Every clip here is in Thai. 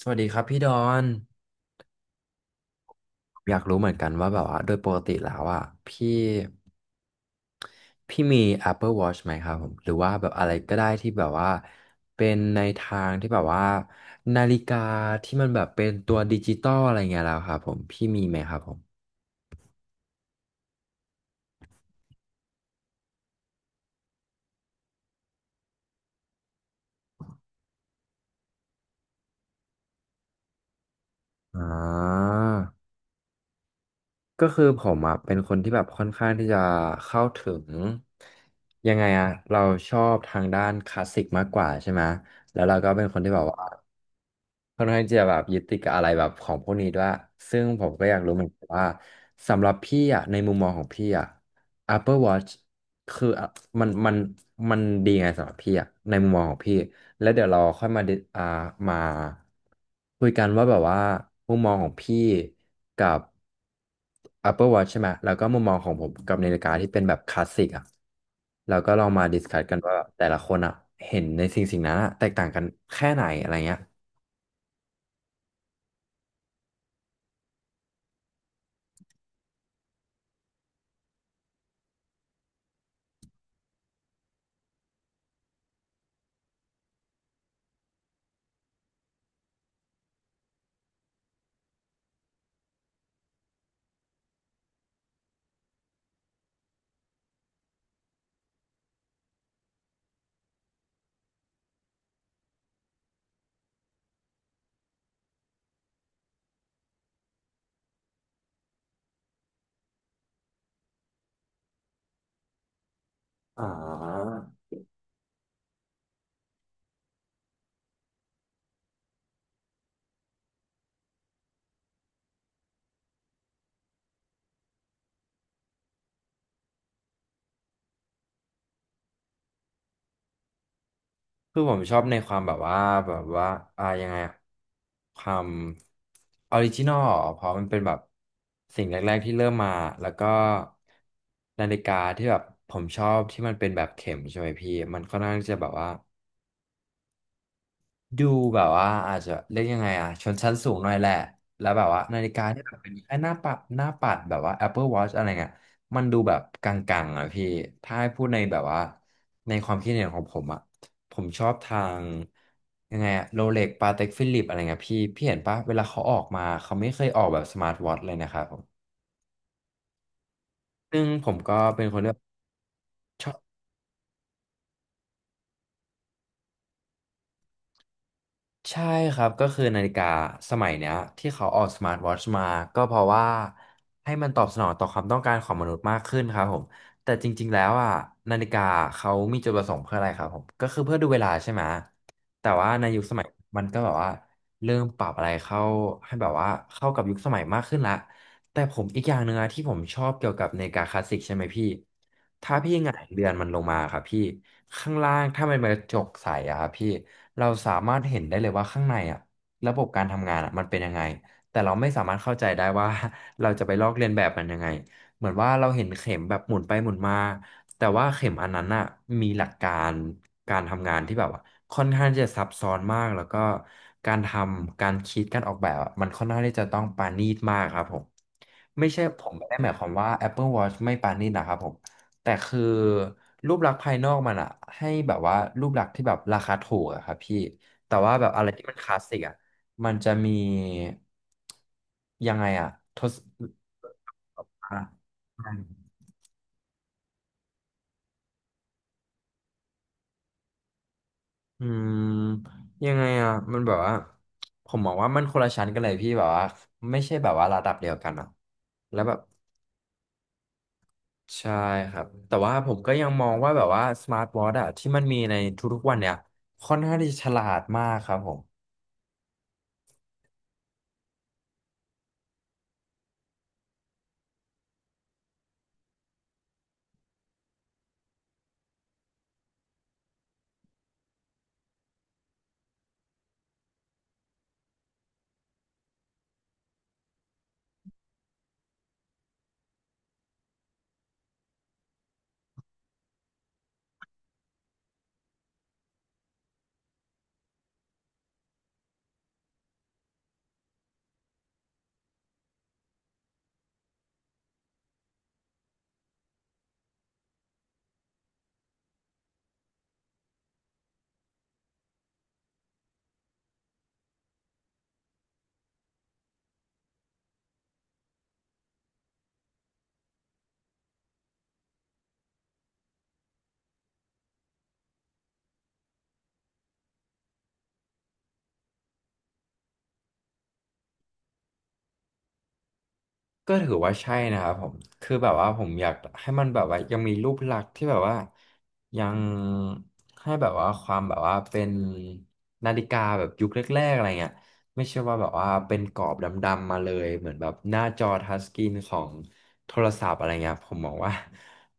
สวัสดีครับพี่ดอนผมอยากรู้เหมือนกันว่าแบบว่าโดยปกติแล้วอ่ะพี่พี่มี Apple Watch ไหมครับผมหรือว่าแบบอะไรก็ได้ที่แบบว่าเป็นในทางที่แบบว่านาฬิกาที่มันแบบเป็นตัวดิจิตอลอะไรเงี้ยแล้วครับผมพี่มีไหมครับผมอ่า ก็คือผมอ่ะเป็นคนที่แบบค่อนข้างที่จะเข้าถึงยังไงอะเราชอบทางด้านคลาสสิกมากกว่าใช่ไหมแล้วเราก็เป็นคนที่แบบว่าค่อนข้างที่จะแบบยึดติดกับอะไรแบบของพวกนี้ด้วยซึ่งผมก็อยากรู้เหมือนกันว่าสำหรับพี่อ่ะในมุมมองของพี่อ่ะ Apple Watch คืออ่ะมันมันดีไงสำหรับพี่อะในมุมมองของพี่แล้วเดี๋ยวเราค่อยมาดิมาคุยกันว่าแบบว่ามุมมองของพี่กับ Apple Watch ใช่ไหมแล้วก็มุมมองของผมกับนาฬิกาที่เป็นแบบคลาสสิกอะแล้วก็ลองมาดิสคัสกันว่าแต่ละคนอะเห็นในสิ่งสิ่งนั้นอะแตกต่างกันแค่ไหนอะไรเงี้ยอ่า คือผมชอบในความแบบว่าแบบว่ายังไงอะความออริจินอลเพราะมันเป็นแบบสิ่งแรกๆที่เริ่มมาแล้วก็นาฬิกาที่แบบผมชอบที่มันเป็นแบบเข็มใช่ไหมพี่มันค่อนข้างที่จะแบบว่า ดูแบบว่าอาจจะเรียกยังไงอะชนชั้นสูงหน่อยแหละแล้วแบบว่านาฬิกาที่แบบเป็นไอ้หน้าปัดแบบว่า Apple Watch อะไรเงี้ยมันดูแบบกังๆอะพี่ถ้าให้พูดในแบบว่าในความคิดเห็นของผมอะผมชอบทางยังไงอะโรเล็กปาเต็กฟิลิปอะไรเงี้ยพี่เห็นปะเวลาเขาออกมาเขาไม่เคยออกแบบสมาร์ทวอทช์เลยนะครับผมซึ่งผมก็เป็นคนที่ ใช่ครับก็คือนาฬิกาสมัยเนี้ยที่เขาออกสมาร์ทวอทช์มาก็เพราะว่าให้มันตอบสนองต่อความต้องการของมนุษย์มากขึ้นครับผมแต่จริงๆแล้วอ่ะนาฬิกาเขามีจุดประสงค์เพื่ออะไรครับผมก็คือเพื่อดูเวลาใช่ไหมแต่ว่าในยุคสมัยมันก็แบบว่าเริ่มปรับอะไรเข้าให้แบบว่าเข้ากับยุคสมัยมากขึ้นละ แต่ผมอีกอย่างหนึ่งอะที่ผมชอบเกี่ยวกับนาฬิกาคลาสสิกใช่ไหมพี่ถ้าพี่หงายเรือนมันลงมาครับพี่ข้างล่างถ้ามันเป็นกระจกใสอะครับพี่เราสามารถเห็นได้เลยว่าข้างในอะระบบการทำงานอะมันเป็นยังไงแต่เราไม่สามารถเข้าใจได้ว่า เราจะไปลอกเลียนแบบมันยังไงเหมือนว่าเราเห็นเข็มแบบหมุนไปหมุนมาแต่ว่าเข็มอันนั้นอะมีหลักการการทำงานที่แบบว่าค่อนข้างที่จะซับซ้อนมากแล้วก็การทำการคิดการออกแบบอะมันค่อนข้างที่จะต้องปาณีตมากครับผม ไม่ใช่ผมไม่ได้หมายความว่า Apple Watch ไม่ปานนี่นะครับผมแต่คือรูปลักษณ์ภายนอกมันอะให้แบบว่ารูปลักษณ์ที่แบบราคาถูกอะครับพี่แต่ว่าแบบอะไรที่มันคลาสสิกอะมันจะมียังไงอะทศอ่ะอืมยังไงอะมันแบบว่าผมมองว่ามันคนละชั้นกันเลยพี่แบบว่าไม่ใช่แบบว่าระดับเดียวกันอะแล้วแบบ ใช่ครับแต่ว่าผมก็ยังมองว่าแบบว่าสมาร์ทวอทช์อะที่มันมีในทุกๆวันเนี่ยค่อนข้างที่ฉลาดมากครับผม ก็ถือว่าใช่นะครับผมคือแบบว่าผมอยากให้มันแบบว่ายังมีรูปลักษณ์ที่แบบว่ายังให้แบบว่าความแบบว่าเป็นนาฬิกาแบบยุคแรกๆอะไรเงี้ยไม่ใช่ว่าแบบว่าเป็นกรอบดำๆมาเลยเหมือนแบบหน้าจอทัชสกรีนของโทรศัพท์อะไรเงี้ยผมมองว่า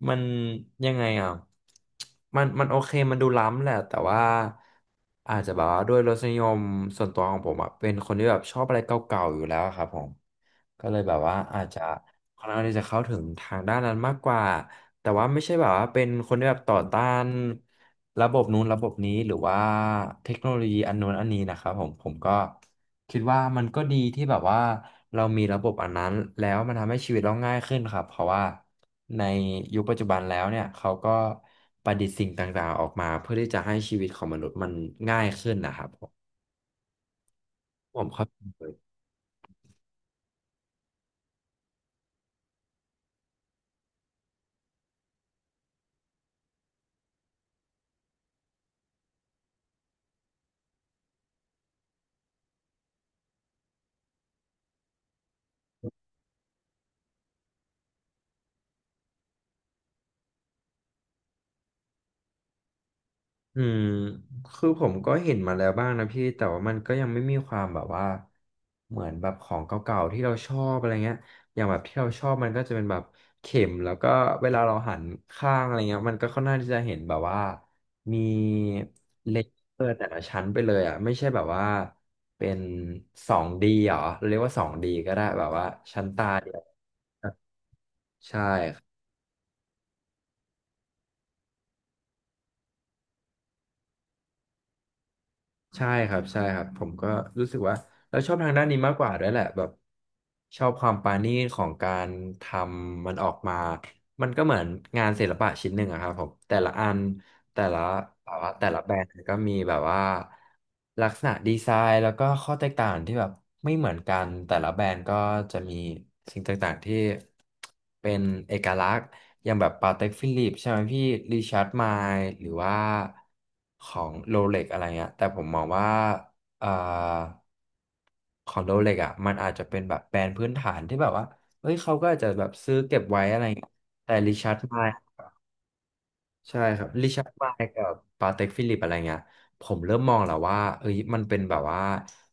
มันยังไงอ่ะมันโอเคมันดูล้ำแหละแต่ว่าอาจจะแบบว่าด้วยรสนิยมส่วนตัวของผมอ่ะเป็นคนที่แบบชอบอะไรเก่าๆอยู่แล้วครับผม ก็เลยแบบว่าอาจจะค่อนข้างที่จะเข้าถึงทางด้านนั้นมากกว่าแต่ว่าไม่ใช่แบบว่าเป็นคนที่แบบต่อต้านระบบนู้นระบบนี้หรือว่าเทคโนโลยีอันนู้นอันนี้นะครับผมก็คิดว่ามันก็ดีที่แบบว่าเรามีระบบอันนั้นแล้วมันทำให้ชีวิตเราง่ายขึ้นครับเพราะว่าในยุคปัจจุบันแล้วเนี่ยเขาก็ประดิษฐ์สิ่งต่างๆออกมาเพื่อที่จะให้ชีวิตของมนุษย์มันง่ายขึ้นนะครับผมผมเข้าใจ อืมคือผมก็เห็นมาแล้วบ้างนะพี่แต่ว่ามันก็ยังไม่มีความแบบว่าเหมือนแบบของเก่าๆที่เราชอบอะไรเงี้ยอย่างแบบที่เราชอบมันก็จะเป็นแบบเข็มแล้วก็เวลาเราหันข้างอะไรเงี้ยมันก็ค่อนข้างที่จะเห็นแบบว่ามีเลเยอร์แต่ละชั้นไปเลยอ่ะไม่ใช่แบบว่าเป็นสองดีเหรอเราเรียกว่าสองดีก็ได้แบบว่าชั้นตาเดียวใช่ ใช่ครับใช่ครับผมก็รู้สึกว่าเราชอบทางด้านนี้มากกว่าด้วยแหละแบบชอบความปราณีตของการทำมันออกมามันก็เหมือนงานศิลปะชิ้นหนึ่งอะครับผมแต่ละอัน แต่ละแบบว่าแต่ละแบรนด์ก็มีแบบว่าลักษณะดีไซน์แล้วก็ข้อแตกต่างที่แบบไม่เหมือนกันแต่ละแบรนด์ก็จะมีสิ่งต่างๆที่เป็นเอกลักษณ์อย่างแบบปาเต็กฟิลิปใช่ไหมพี่ริชาร์ดไมล์หรือว่าของโรเล็กอะไรเงี้ยแต่ผมมองว่าเอ่อของโรเล็กอ่ะมันอาจจะเป็นแบบแบรนด์พื้นฐานที่แบบว่าเฮ้ยเขาก็อาจจะแบบซื้อเก็บไว้อะไรเงี้ยแต่ริชาร์ดไมล์ ใช่ครับริชาร์ดไมลกับปาเต็กฟิลิปอะไรเงี้ยผมเริ่มมองแล้วว่าเอ้ยมันเป็นแบบว่า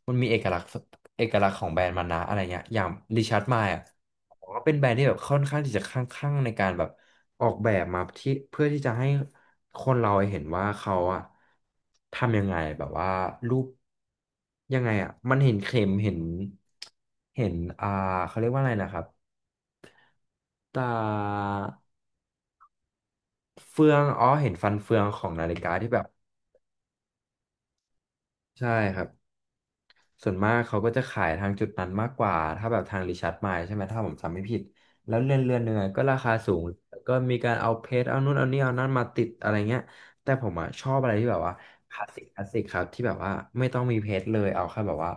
มันมีเอกลักษณ์เอกลักษณ์ของแบรนด์มันนะอะไรเงี้ยอย่างริชาร์ดไมลอ่ะผมว่าเป็นแบรนด์ที่แบบค่อนข้างที่จะข้างในการแบบออกแบบมาที่เพื่อที่จะให้คนเราเห็นว่าเขาอะทำยังไงแบบว่ารูปยังไงอะมันเห็นเข็มเห็นเขาเรียกว่าอะไรนะครับตาเฟืองอ๋อเห็นฟันเฟืองของนาฬิกาที่แบบ ใช่ครับส่วนมากเขาก็จะขายทางจุดนั้นมากกว่าถ้าแบบทางริชาร์ดมล์ใช่ไหมถ้าผมจำไม่ผิดแล้วเรือนหนึ่งอะก็ราคาสูงแล้วก็มีการเอาเพชรเอานู่นเอานี่เอานั่นมาติดอะไรเงี้ยแต่ผมอ่ะชอบอะไรที่แบบว่าคลาสสิกครับที่แบบว่าไม่ต้องมีเพชรเลยเอาแค่แบบว่า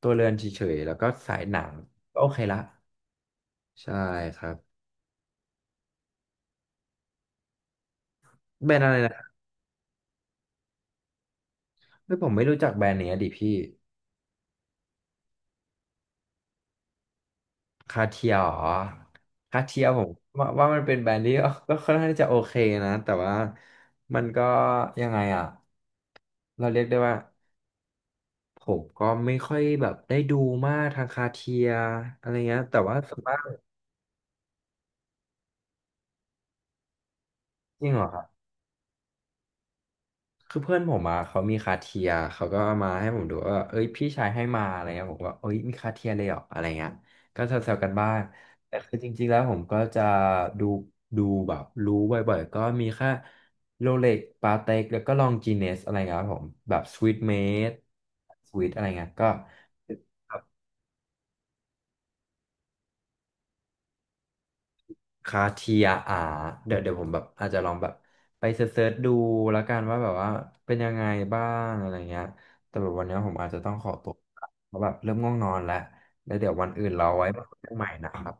ตัวเรือนเฉยๆแล้วก็สายหนังก็โอเคละใช่ครับแบรนด์อะไรนะครับไม่ผมไม่รู้จักแบรนด์เนี้ยดิพี่ คาเทียเหรอคาเทียผมว่ามันเป็นแบรนด์ที่ ก็ค่อนข้างที่จะโอเคนะแต่ว่ามันก็ยังไงอ่ะเราเรียกได้ว่าผมก็ไม่ค่อยแบบได้ดูมากทางคาเทียอะไรเงี้ยแต่ว่าส่วนมากจริงเหรอคร คือเพื่อนผมอ่ะเขามีคาเทียเขาก็เอามาให้ผมดูว่าเอ้ยพี่ชายให้มาอะไรเงี้ยผมก็เอ้ยมีคาเทียเลยเหรออะไรเงี้ยก็แซวๆกันบ้างแต่คือจริงๆแล้วผมก็จะดูดูแบบรู้บ่อยๆก็มีแค่โรเล็กปาเต็กแล้วก็ลองจีเนสอะไรเงี้ยครับผมแบบสวีทเมดสวีทอะไรเงี้ยก็ คาเทียอาเดี๋ยวผมแบบอาจจะลองแบบไปเซิร์ชๆดูแล้วกันว่าแบบว่าเป็นยังไงบ้างอะไรเงี้ยแต่แบบวันนี้ผมอาจจะต้องขอตัวเพราะแบบเริ่มง่วงนอนแล้ว แล้วเดี๋ยววันอื่นเราไว้มาคุยกันใหม่นะครับ